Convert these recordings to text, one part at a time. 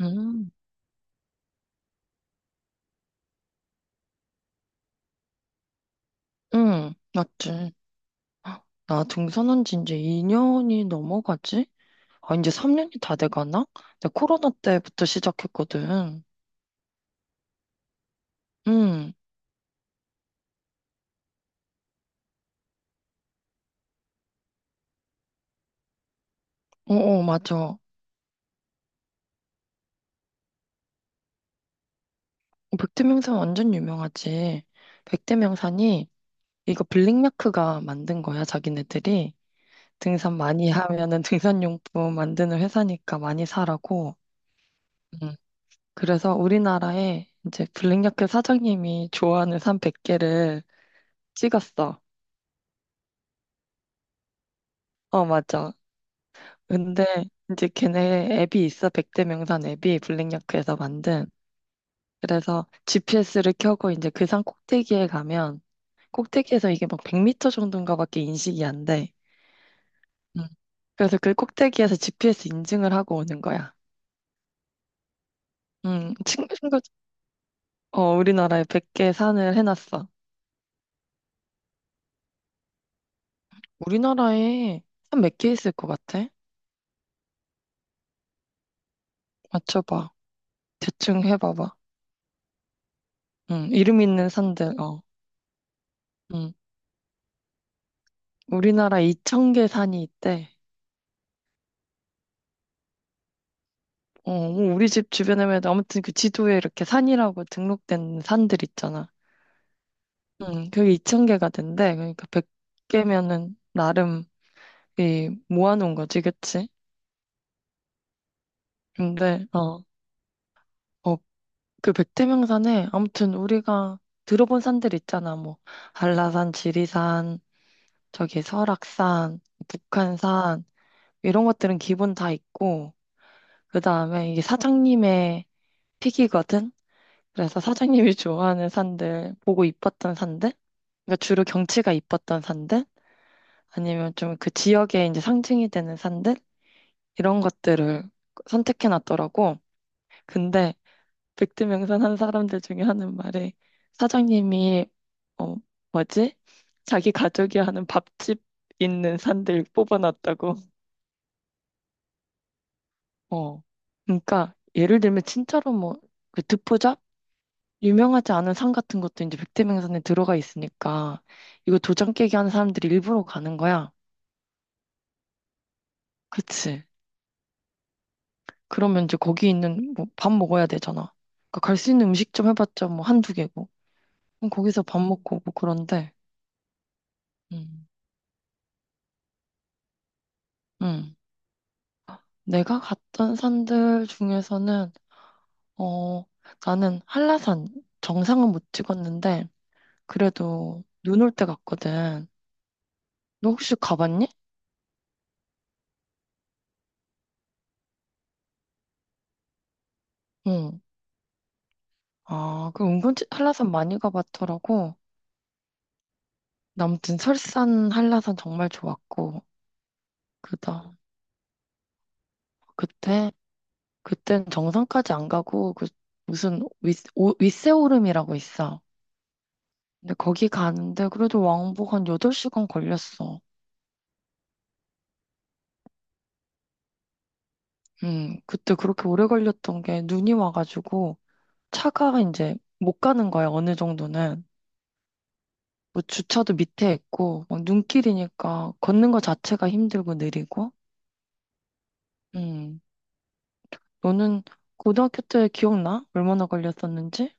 음, 응, 맞지. 나 등산한 지 이제 2년이 넘어가지? 아, 이제 3년이 다 돼가나? 내가 코로나 때부터 시작했거든. 응, 어, 어, 맞아. 백두명산 완전 유명하지. 백두명산이 이거 블링마크가 만든 거야, 자기네들이. 등산 많이 하면은 등산용품 만드는 회사니까 많이 사라고. 음, 그래서 우리나라에 이제 블링야크 사장님이 좋아하는 산 100개를 찍었어. 어, 맞아. 근데 이제 걔네 앱이 있어. 백대 명산 앱이 블랙야크에서 만든. 그래서 GPS를 켜고 이제 그 산 꼭대기에 가면 꼭대기에서 이게 막 100m 정도인가 밖에 인식이 안 돼. 음. 그래서 그 꼭대기에서 GPS 인증을 하고 오는 거야. 친구 친구 어 우리나라에 100개 산을 해놨어. 우리나라에 산 몇 개 있을 것 같아? 맞춰봐. 대충 해봐봐. 이름 있는 산들. 어. 음. 우리나라 2,000개 산이 있대. 어, 뭐 우리 집 주변에면 아무튼 그 지도에 이렇게 산이라고 등록된 산들 있잖아. 응, 그게 2천개가 된대. 그러니까 100개면은 나름 이 모아놓은 거지, 그치? 근데, 어, 그 백태명산에 아무튼 우리가 들어본 산들 있잖아. 뭐, 한라산, 지리산, 저기 설악산, 북한산, 이런 것들은 기본 다 있고, 그 다음에 이게 사장님의 픽이거든? 그래서 사장님이 좋아하는 산들, 보고 이뻤던 산들, 그러니까 주로 경치가 이뻤던 산들, 아니면 좀 그 지역의 이제 상징이 되는 산들, 이런 것들을 선택해 놨더라고. 근데 백두명산 한 사람들 중에 하는 말이 사장님이, 어, 뭐지? 자기 가족이 하는 밥집 있는 산들 뽑아놨다고. 어. 그러니까 예를 들면 진짜로 뭐, 그 듣보잡? 유명하지 않은 산 같은 것도 이제 백태명산에 들어가 있으니까 이거 도장 깨기 하는 사람들이 일부러 가는 거야. 그치. 그러면 이제 거기 있는 뭐 밥 먹어야 되잖아. 그러니까 갈 수 있는 음식점 해봤자 뭐 한두 개고. 그럼 거기서 밥 먹고 오고 그런데, 음, 음. 내가 갔던 산들 중에서는, 어, 나는 한라산 정상은 못 찍었는데, 그래도 눈 올 때 갔거든. 너 혹시 가봤니? 응. 아, 그 은근 한라산 많이 가봤더라고. 아무튼 설산, 한라산 정말 좋았고, 그다, 그때, 그땐 정상까지 안 가고, 그, 윗세오름이라고 있어. 근데 거기 가는데 그래도 왕복 한 8시간 걸렸어. 그때 그렇게 오래 걸렸던 게 눈이 와가지고, 차가 이제 못 가는 거야, 어느 정도는. 뭐 주차도 밑에 있고, 막 눈길이니까 걷는 거 자체가 힘들고 느리고. 음, 너는 고등학교 때 기억나? 얼마나 걸렸었는지?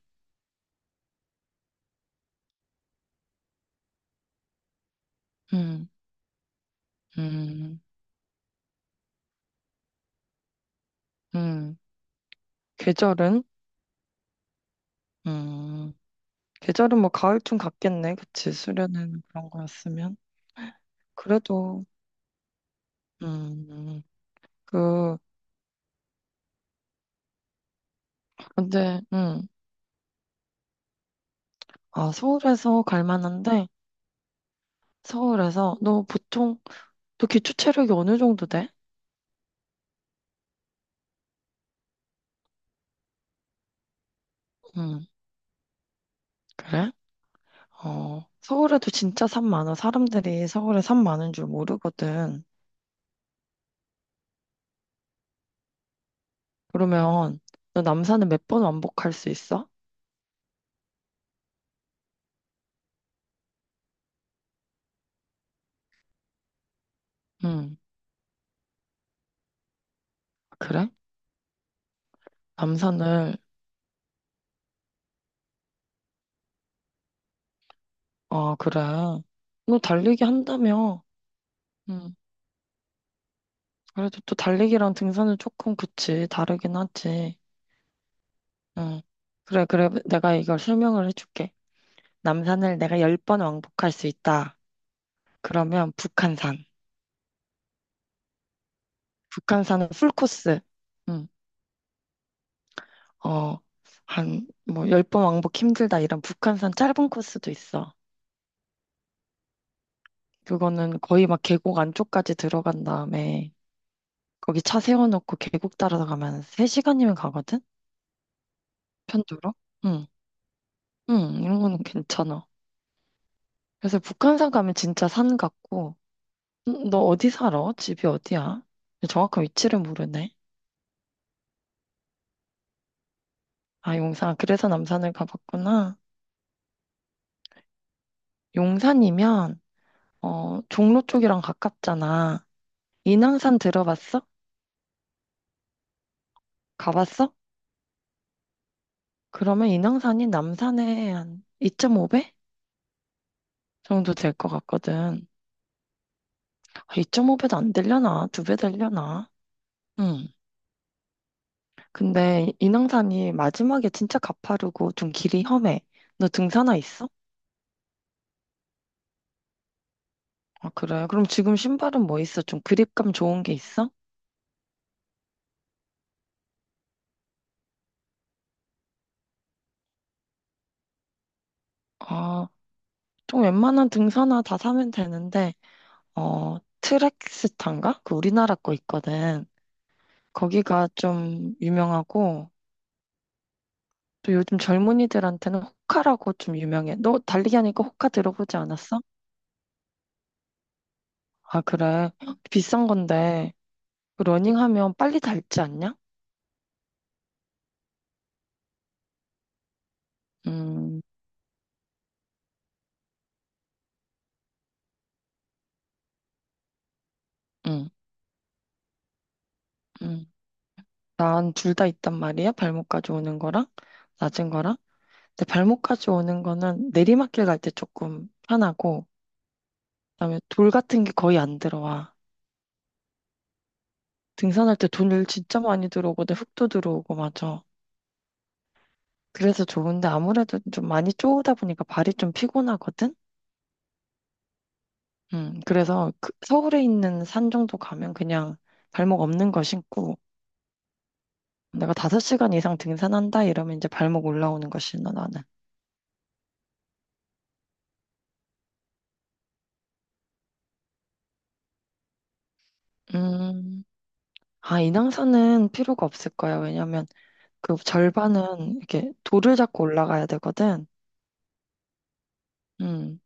음. 음, 음, 계절은? 음, 계절은 뭐 가을쯤 갔겠네. 그치? 수련회는 그런 거였으면. 그래도, 음, 그, 근데, 아, 서울에서 갈 만한데, 서울에서, 너 보통, 너 기초 체력이 어느 정도 돼? 음, 그래? 어, 서울에도 진짜 산 많아. 사람들이 서울에 산 많은 줄 모르거든. 그러면, 너 남산을 몇 번 왕복할 수 있어? 음, 그래? 남산을 아, 그래. 너 달리기 한다며? 응. 그래도 또 달리기랑 등산은 조금 그치. 다르긴 하지. 응. 그래, 그래. 내가 이걸 설명을 해줄게. 남산을 내가 10번 왕복할 수 있다. 그러면 북한산. 북한산은 풀코스. 응. 어, 한, 뭐, 10번 왕복 힘들다. 이런 북한산 짧은 코스도 있어. 그거는 거의 막 계곡 안쪽까지 들어간 다음에 거기 차 세워놓고 계곡 따라가면 3시간이면 가거든? 편도로? 응, 이런 거는 괜찮아. 그래서 북한산 가면 진짜 산 같고, 너 어디 살아? 집이 어디야? 정확한 위치를 모르네. 아, 용산. 그래서 남산을 가봤구나. 용산이면, 종로 쪽이랑 가깝잖아. 인왕산 들어봤어? 가봤어? 그러면 인왕산이 남산의 한 2.5배 정도 될 것 같거든. 아, 2.5배도 안 되려나? 2배 되려나? 응. 근데 인왕산이 마지막에 진짜 가파르고 좀 길이 험해. 너 등산화 있어? 아, 그래. 그럼 지금 신발은 뭐 있어? 좀 그립감 좋은 게 있어? 아, 좀 웬만한 등산화 다 사면 되는데, 어, 트랙스타인가? 그 우리나라 거 있거든. 거기가 좀 유명하고, 또 요즘 젊은이들한테는 호카라고 좀 유명해. 너 달리기 하니까 호카 들어보지 않았어? 아, 그래. 헉, 비싼 건데, 그 러닝하면 빨리 닳지 않냐? 음, 음, 음. 난 둘 다 있단 말이야. 발목까지 오는 거랑, 낮은 거랑. 근데 발목까지 오는 거는 내리막길 갈 때 조금 편하고, 그다음에 돌 같은 게 거의 안 들어와. 등산할 때 돌 진짜 많이 들어오거든. 흙도 들어오고, 맞아. 그래서 좋은데 아무래도 좀 많이 쪼다 보니까 발이 좀 피곤하거든? 그래서 그 서울에 있는 산 정도 가면 그냥 발목 없는 거 신고, 내가 5시간 이상 등산한다 이러면 이제 발목 올라오는 거 신어, 나는. 음, 아, 인왕산은 필요가 없을 거야. 왜냐면 그 절반은 이렇게 돌을 잡고 올라가야 되거든. 음.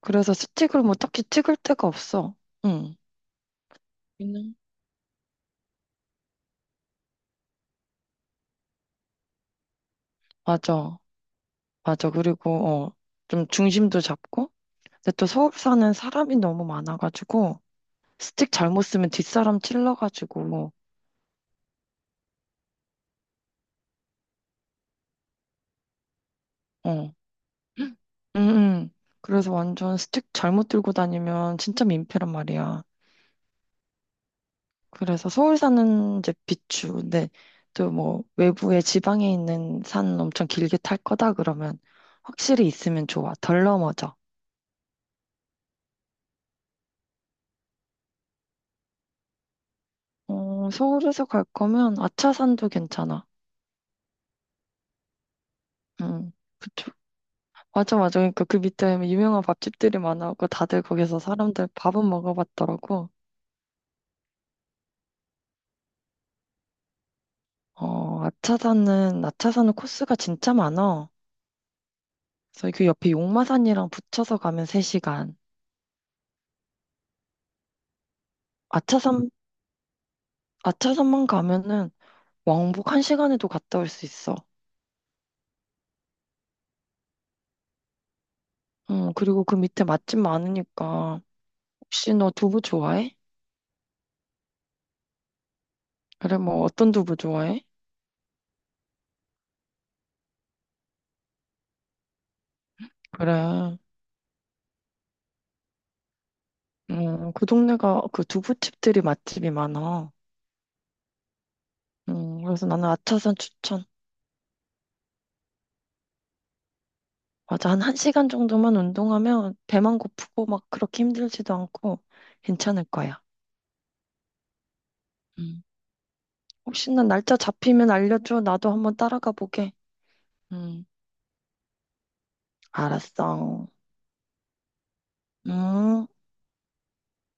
그래서 스틱으로 뭐 딱히 찍을 데가 없어. 음. 그냥 맞아. 맞아. 그리고, 좀 중심도 잡고. 근데 또 서울 사는 사람이 너무 많아가지고, 스틱 잘못 쓰면 뒷사람 찔러가지고, 어. 응, 응. 그래서 완전 스틱 잘못 들고 다니면 진짜 민폐란 말이야. 그래서 서울 사는 이제 비추. 근데 또 뭐, 외부에 지방에 있는 산 엄청 길게 탈 거다 그러면 확실히 있으면 좋아. 덜 넘어져. 어, 서울에서 갈 거면 아차산도 괜찮아. 응. 그쵸. 맞아, 맞아. 그러니까 그 밑에 유명한 밥집들이 많아갖고 다들 거기서 사람들 밥은 먹어봤더라고. 어, 아차산은 코스가 진짜 많아. 그래서 그 옆에 용마산이랑 붙여서 가면 3시간. 아차산, 아차산만 가면은 왕복 1시간에도 갔다 올 수 있어. 응, 그리고 그 밑에 맛집 많으니까. 혹시 너 두부 좋아해? 그래, 뭐 어떤 두부 좋아해? 그래. 그 동네가 그 두부집들이 맛집이 많아. 그래서 나는 아차산 추천. 맞아. 한 1시간 정도만 운동하면 배만 고프고 막 그렇게 힘들지도 않고 괜찮을 거야. 음. 혹시나 날짜 잡히면 알려줘. 나도 한번 따라가 보게. 음, 알았어. 음.